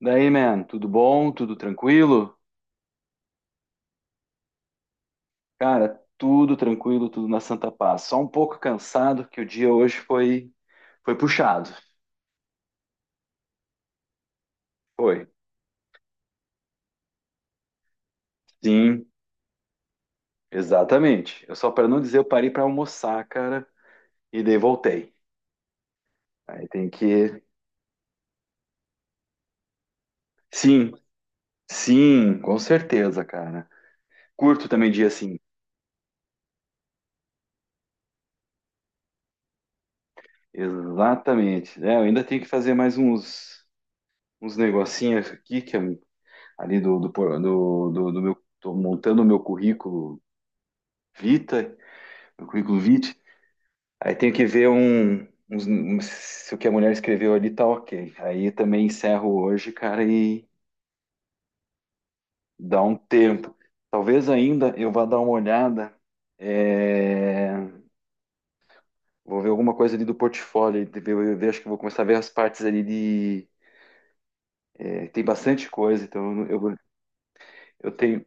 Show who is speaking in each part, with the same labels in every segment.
Speaker 1: Daí, man, tudo bom? Tudo tranquilo? Cara, tudo tranquilo, tudo na santa paz. Só um pouco cansado que o dia hoje foi puxado. Foi. Sim, exatamente. Eu só para não dizer, eu parei para almoçar, cara, e daí voltei. Aí tem que. Sim, sim, com certeza, cara. Curto também dia assim. Exatamente. É, eu ainda tenho que fazer mais uns negocinhos aqui que é ali do do, por- do, do, do meu tô montando o meu currículo Vita o currículo vitae. Aí tenho que ver se o que a mulher escreveu ali tá ok. Aí também encerro hoje, cara, e dá um tempo. Talvez ainda eu vá dar uma olhada. É, vou ver alguma coisa ali do portfólio. De ver- Eu, ver- Acho que vou começar a ver as partes ali de. É, tem bastante coisa, então eu tenho.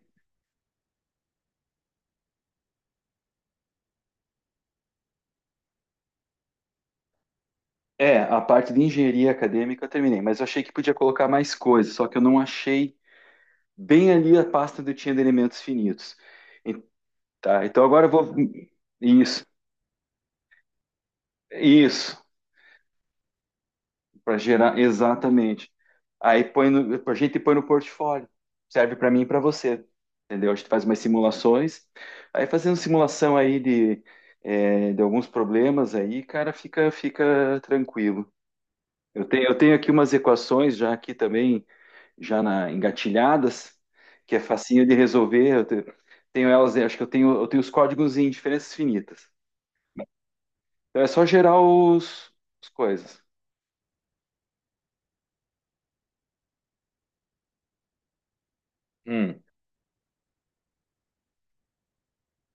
Speaker 1: É, a parte de engenharia acadêmica eu terminei, mas eu achei que podia colocar mais coisas, só que eu não achei bem ali a pasta onde eu tinha de elementos finitos. Tá, então agora eu vou. Isso, isso, para gerar, exatamente. Aí põe no, a gente põe no portfólio, serve para mim e para você, entendeu? A gente faz umas simulações, aí fazendo simulação aí de, de alguns problemas aí, cara, fica tranquilo. Eu tenho aqui umas equações já aqui também, já na, engatilhadas, que é facinho de resolver. Tenho elas, acho que eu tenho os códigos em diferenças finitas. Então é só gerar as coisas. Hum.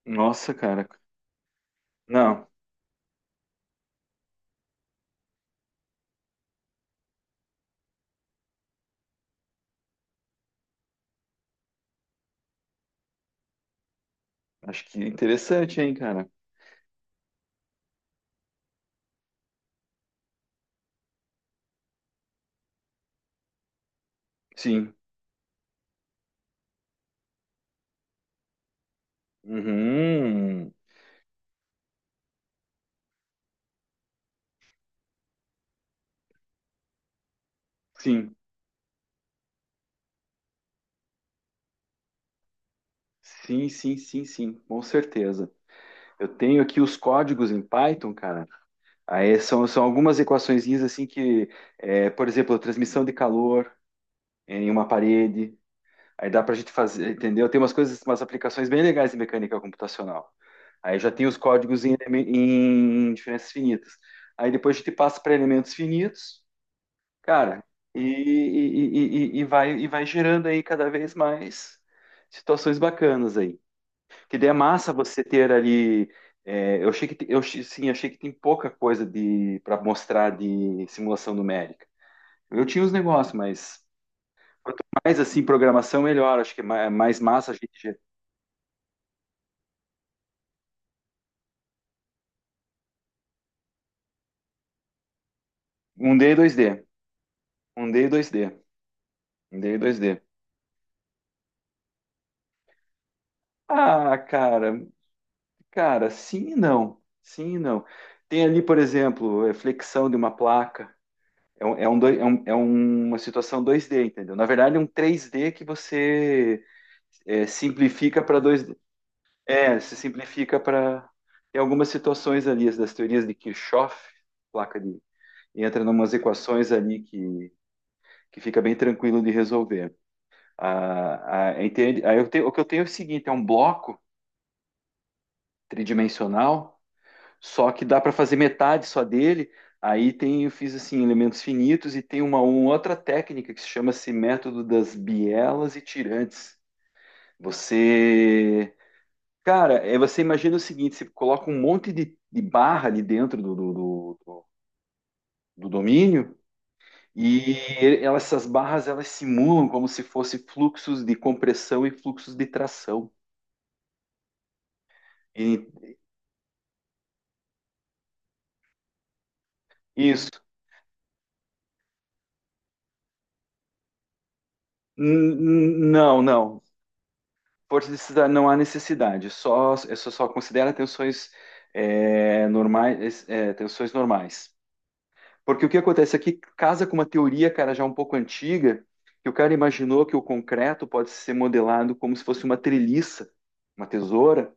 Speaker 1: Nossa, cara. Não, acho que é interessante, hein, cara. Sim. Uhum. Sim. Sim, sim, sim, sim, com certeza. Eu tenho aqui os códigos em Python, cara. Aí são algumas equaçõezinhas assim que, por exemplo, a transmissão de calor em uma parede. Aí dá para a gente fazer, entendeu? Tem umas coisas, umas aplicações bem legais em mecânica computacional. Aí já tem os códigos em diferenças finitas. Aí depois a gente passa para elementos finitos, cara, e vai gerando aí cada vez mais situações bacanas aí. Que daí é massa você ter ali. É, eu achei que te- eu achei- sim, achei que tem pouca coisa de para mostrar de simulação numérica. Eu tinha os negócios, mas quanto mais assim programação, melhor. Acho que é mais massa a gente. Um d e dois d um d e dois d um d e dois d. Ah, cara, sim e não. Sim e não. Tem ali, por exemplo, flexão de uma placa. É, um doi- é um, uma situação 2D, entendeu? Na verdade, é um 3D que você simplifica para dois d. É, se simplifica para. Tem algumas situações ali, as das teorias de Kirchhoff, placa de. Entra em umas equações ali que fica bem tranquilo de resolver. Entende? Aí eu tenho, o que eu tenho é o seguinte: é um bloco tridimensional, só que dá para fazer metade só dele. Aí tem, eu fiz assim, elementos finitos e tem uma outra técnica que se chama-se método das bielas e tirantes. Você. Cara, você imagina o seguinte: você coloca um monte de barra ali dentro do domínio. E elas, essas barras elas simulam como se fossem fluxos de compressão e fluxos de tração. E isso. N- Não, não. Força de cidade não há necessidade. É só, isso só considera tensões normais, tensões normais. Porque o que acontece aqui casa com uma teoria, cara, já um pouco antiga, que o cara imaginou que o concreto pode ser modelado como se fosse uma treliça, uma tesoura,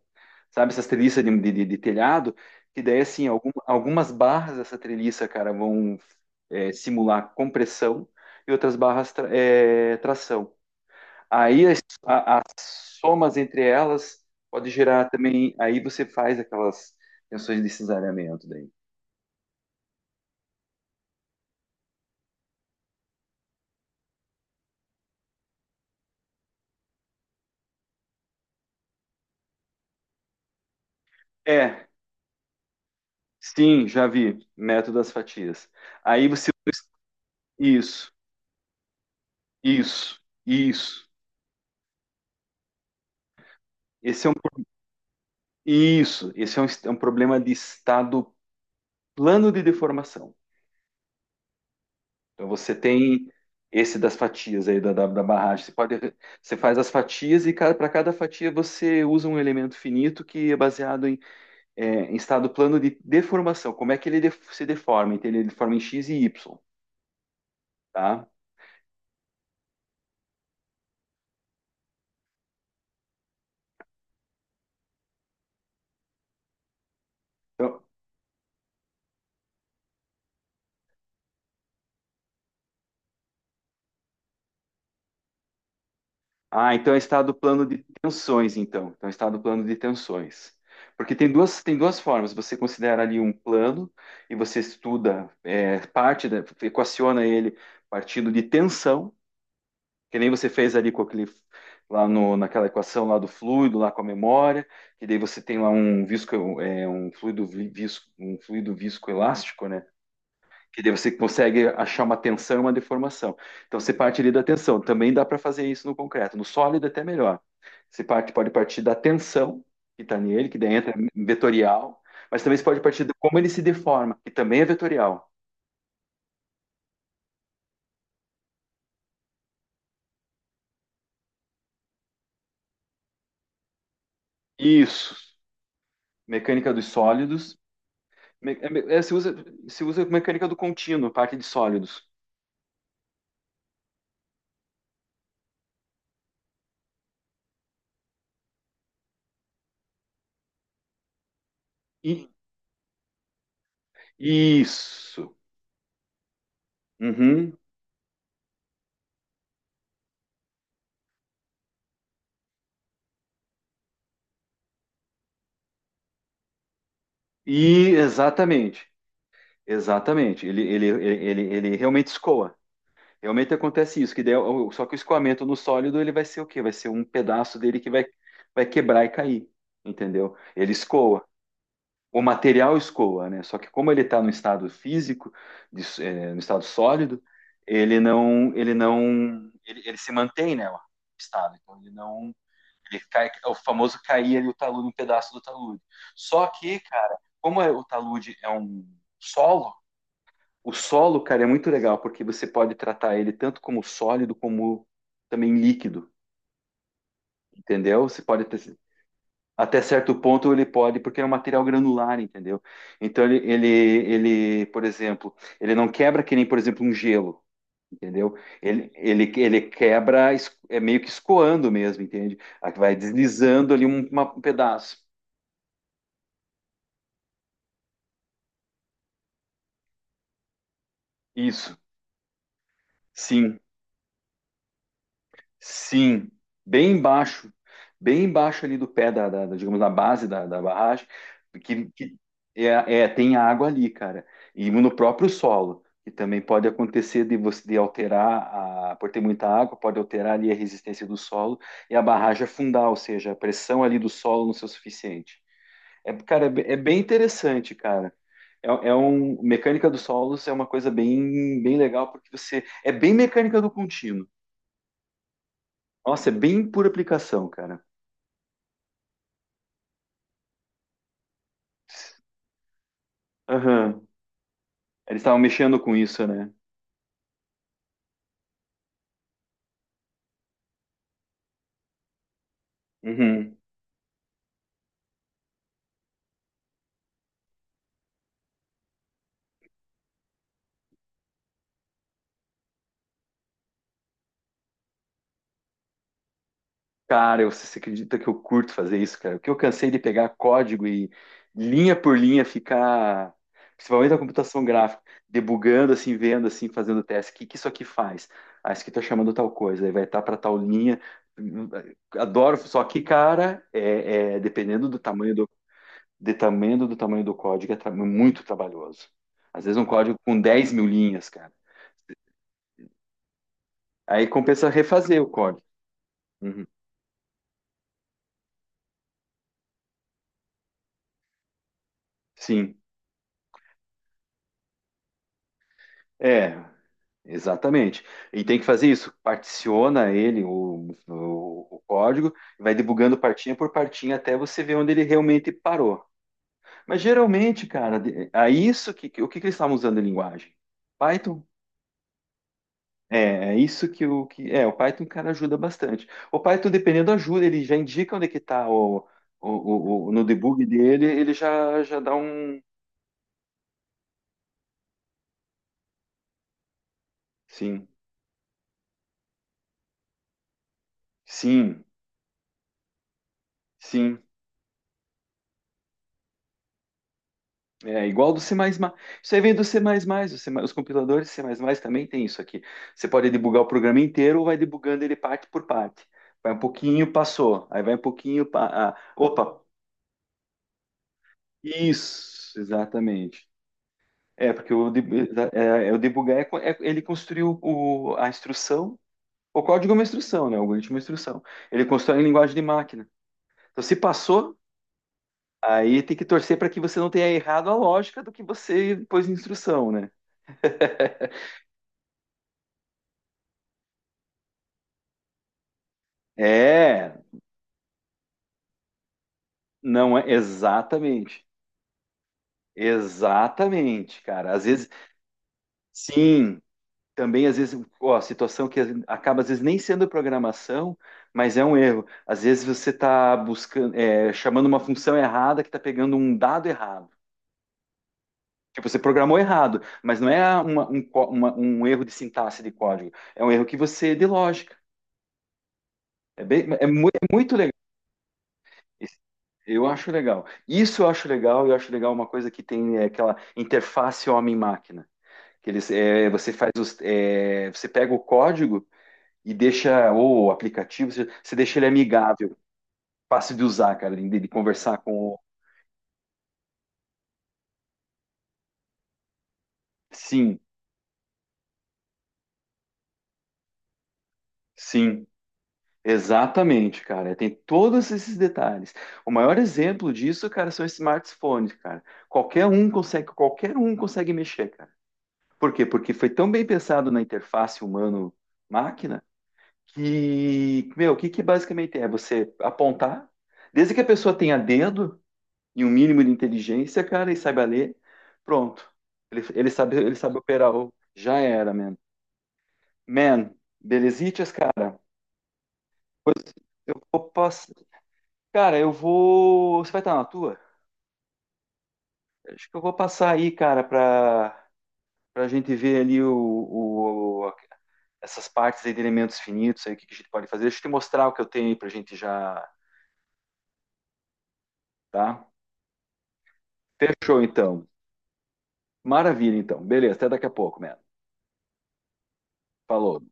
Speaker 1: sabe? Essas treliças de telhado, que daí, assim, algumas barras dessa treliça, cara, vão simular compressão e outras barras tração. Aí a- somas entre elas pode gerar também. Aí você faz aquelas tensões de cesareamento daí. É, sim, já vi. Método das fatias. Aí você. Isso, isso, isso. Esse é um, isso, esse é um problema de estado plano de deformação. Então você tem esse das fatias aí da barragem. Você pode, você faz as fatias e para cada fatia você usa um elemento finito que é baseado é, em estado plano de deformação. Como é que ele se deforma? Então, ele deforma em X e Y, tá? Então, ah, então é estado plano de tensões, então. Então, é estado plano de tensões. Porque tem duas formas. Você considera ali um plano e você estuda equaciona ele partindo de tensão, que nem você fez ali com aquele, lá no, naquela equação lá do fluido, lá com a memória, que daí você tem lá um visco, um fluido visco, um fluido viscoelástico, né? Que daí você consegue achar uma tensão e uma deformação. Então você parte ali da tensão. Também dá para fazer isso no concreto. No sólido é até melhor. Pode partir da tensão que está nele, que daí entra em vetorial, mas também você pode partir de como ele se deforma, que também é vetorial. Isso. Mecânica dos sólidos. Me- é é, se usa, Se usa mecânica do contínuo, parte de sólidos. E, isso. Uhum. E exatamente. Exatamente. Ele realmente escoa. Realmente acontece isso, que daí, só que o escoamento no sólido ele vai ser o quê? Vai ser um pedaço dele que vai quebrar e cair, entendeu? Ele escoa. O material escoa, né? Só que como ele está no estado físico, no estado sólido, ele não, ele não, ele se mantém, né? O estado. Então ele não, ele cai, é o famoso cair ali o talude, um pedaço do talude. Só que, cara, o talude é um solo, o solo, cara, é muito legal, porque você pode tratar ele tanto como sólido, como também líquido, entendeu? Até certo ponto ele pode, porque é um material granular, entendeu? Então ele, por exemplo, ele não quebra que nem, por exemplo, um gelo, entendeu? Ele quebra, é meio que escoando mesmo, entende? Aí vai deslizando ali um pedaço. Isso, sim. Sim, bem embaixo, bem embaixo ali do pé da, digamos, na base da barragem, que é, tem água ali, cara, e no próprio solo, que também pode acontecer de você de alterar, por ter muita água, pode alterar ali a resistência do solo e a barragem afundar, ou seja, a pressão ali do solo não ser o suficiente. É, cara, é bem interessante, cara. Mecânica dos solos é uma coisa bem, bem legal, porque é bem mecânica do contínuo. Nossa, é bem por aplicação, cara. Aham. Eles estavam mexendo com isso, né? Uhum. Cara, você acredita que eu curto fazer isso, cara? Porque eu cansei de pegar código e linha por linha ficar, principalmente a computação gráfica, debugando assim, vendo assim, fazendo teste. O que que isso aqui faz? Ah, isso aqui tá chamando tal coisa, aí vai estar para tal linha. Adoro, só que, cara, dependendo do tamanho dependendo do código, é muito trabalhoso. Às vezes um código com 10 mil linhas, cara. Aí compensa refazer o código. Uhum. Sim, é, exatamente. E tem que fazer isso, particiona ele, o código, vai debugando partinha por partinha até você ver onde ele realmente parou. Mas geralmente, cara, de- a isso que- o que, que eles estavam usando em linguagem? Python? É isso que o que é, o Python, cara, ajuda bastante. O Python, dependendo, ajuda, ele já indica onde é que está no debug dele, ele já dá um. Sim, sim, sim. É igual do C++. Isso aí vem do C++, o C++, os compiladores C++ também tem isso aqui. Você pode debugar o programa inteiro ou vai debugando ele parte por parte. Vai um pouquinho, passou. Aí vai um pouquinho, ah, opa, isso, exatamente. É, porque o debugar ele construiu a instrução, o código é uma instrução, né? O algoritmo é uma instrução. Ele constrói em linguagem de máquina. Então, se passou, aí tem que torcer para que você não tenha errado a lógica do que você pôs em instrução, né? É, não é exatamente, exatamente, cara. Às vezes, sim, também às vezes, ó, situação que acaba às vezes nem sendo programação, mas é um erro. Às vezes você está chamando uma função errada que está pegando um dado errado. Tipo, você programou errado, mas não é um erro de sintaxe de código, é um erro que você de lógica. É muito legal. Isso. Eu acho legal. Isso eu acho legal. Eu acho legal uma coisa que tem aquela interface homem-máquina. Que eles, é, você faz os, é, Você pega o código e deixa, ou o aplicativo, você deixa ele amigável, fácil de usar, cara, de conversar com o. Sim, sim, exatamente, cara. Tem todos esses detalhes. O maior exemplo disso, cara, são os smartphones, cara. Qualquer um consegue mexer, cara. Por quê? Porque foi tão bem pensado na interface humano-máquina que, meu, o que que basicamente é? Você apontar, desde que a pessoa tenha dedo, e um mínimo de inteligência, cara, e saiba ler, pronto. Ele sabe operar. Já era, man. Man, belezitas, cara. Pois, vou pass- cara, eu vou. Você vai estar na tua? Acho que eu vou passar aí, cara, pra gente ver ali essas partes aí de elementos finitos aí, o que que a gente pode fazer. Deixa eu te mostrar o que eu tenho aí pra gente já, tá? Fechou, então. Maravilha, então. Beleza, até daqui a pouco, man. Falou.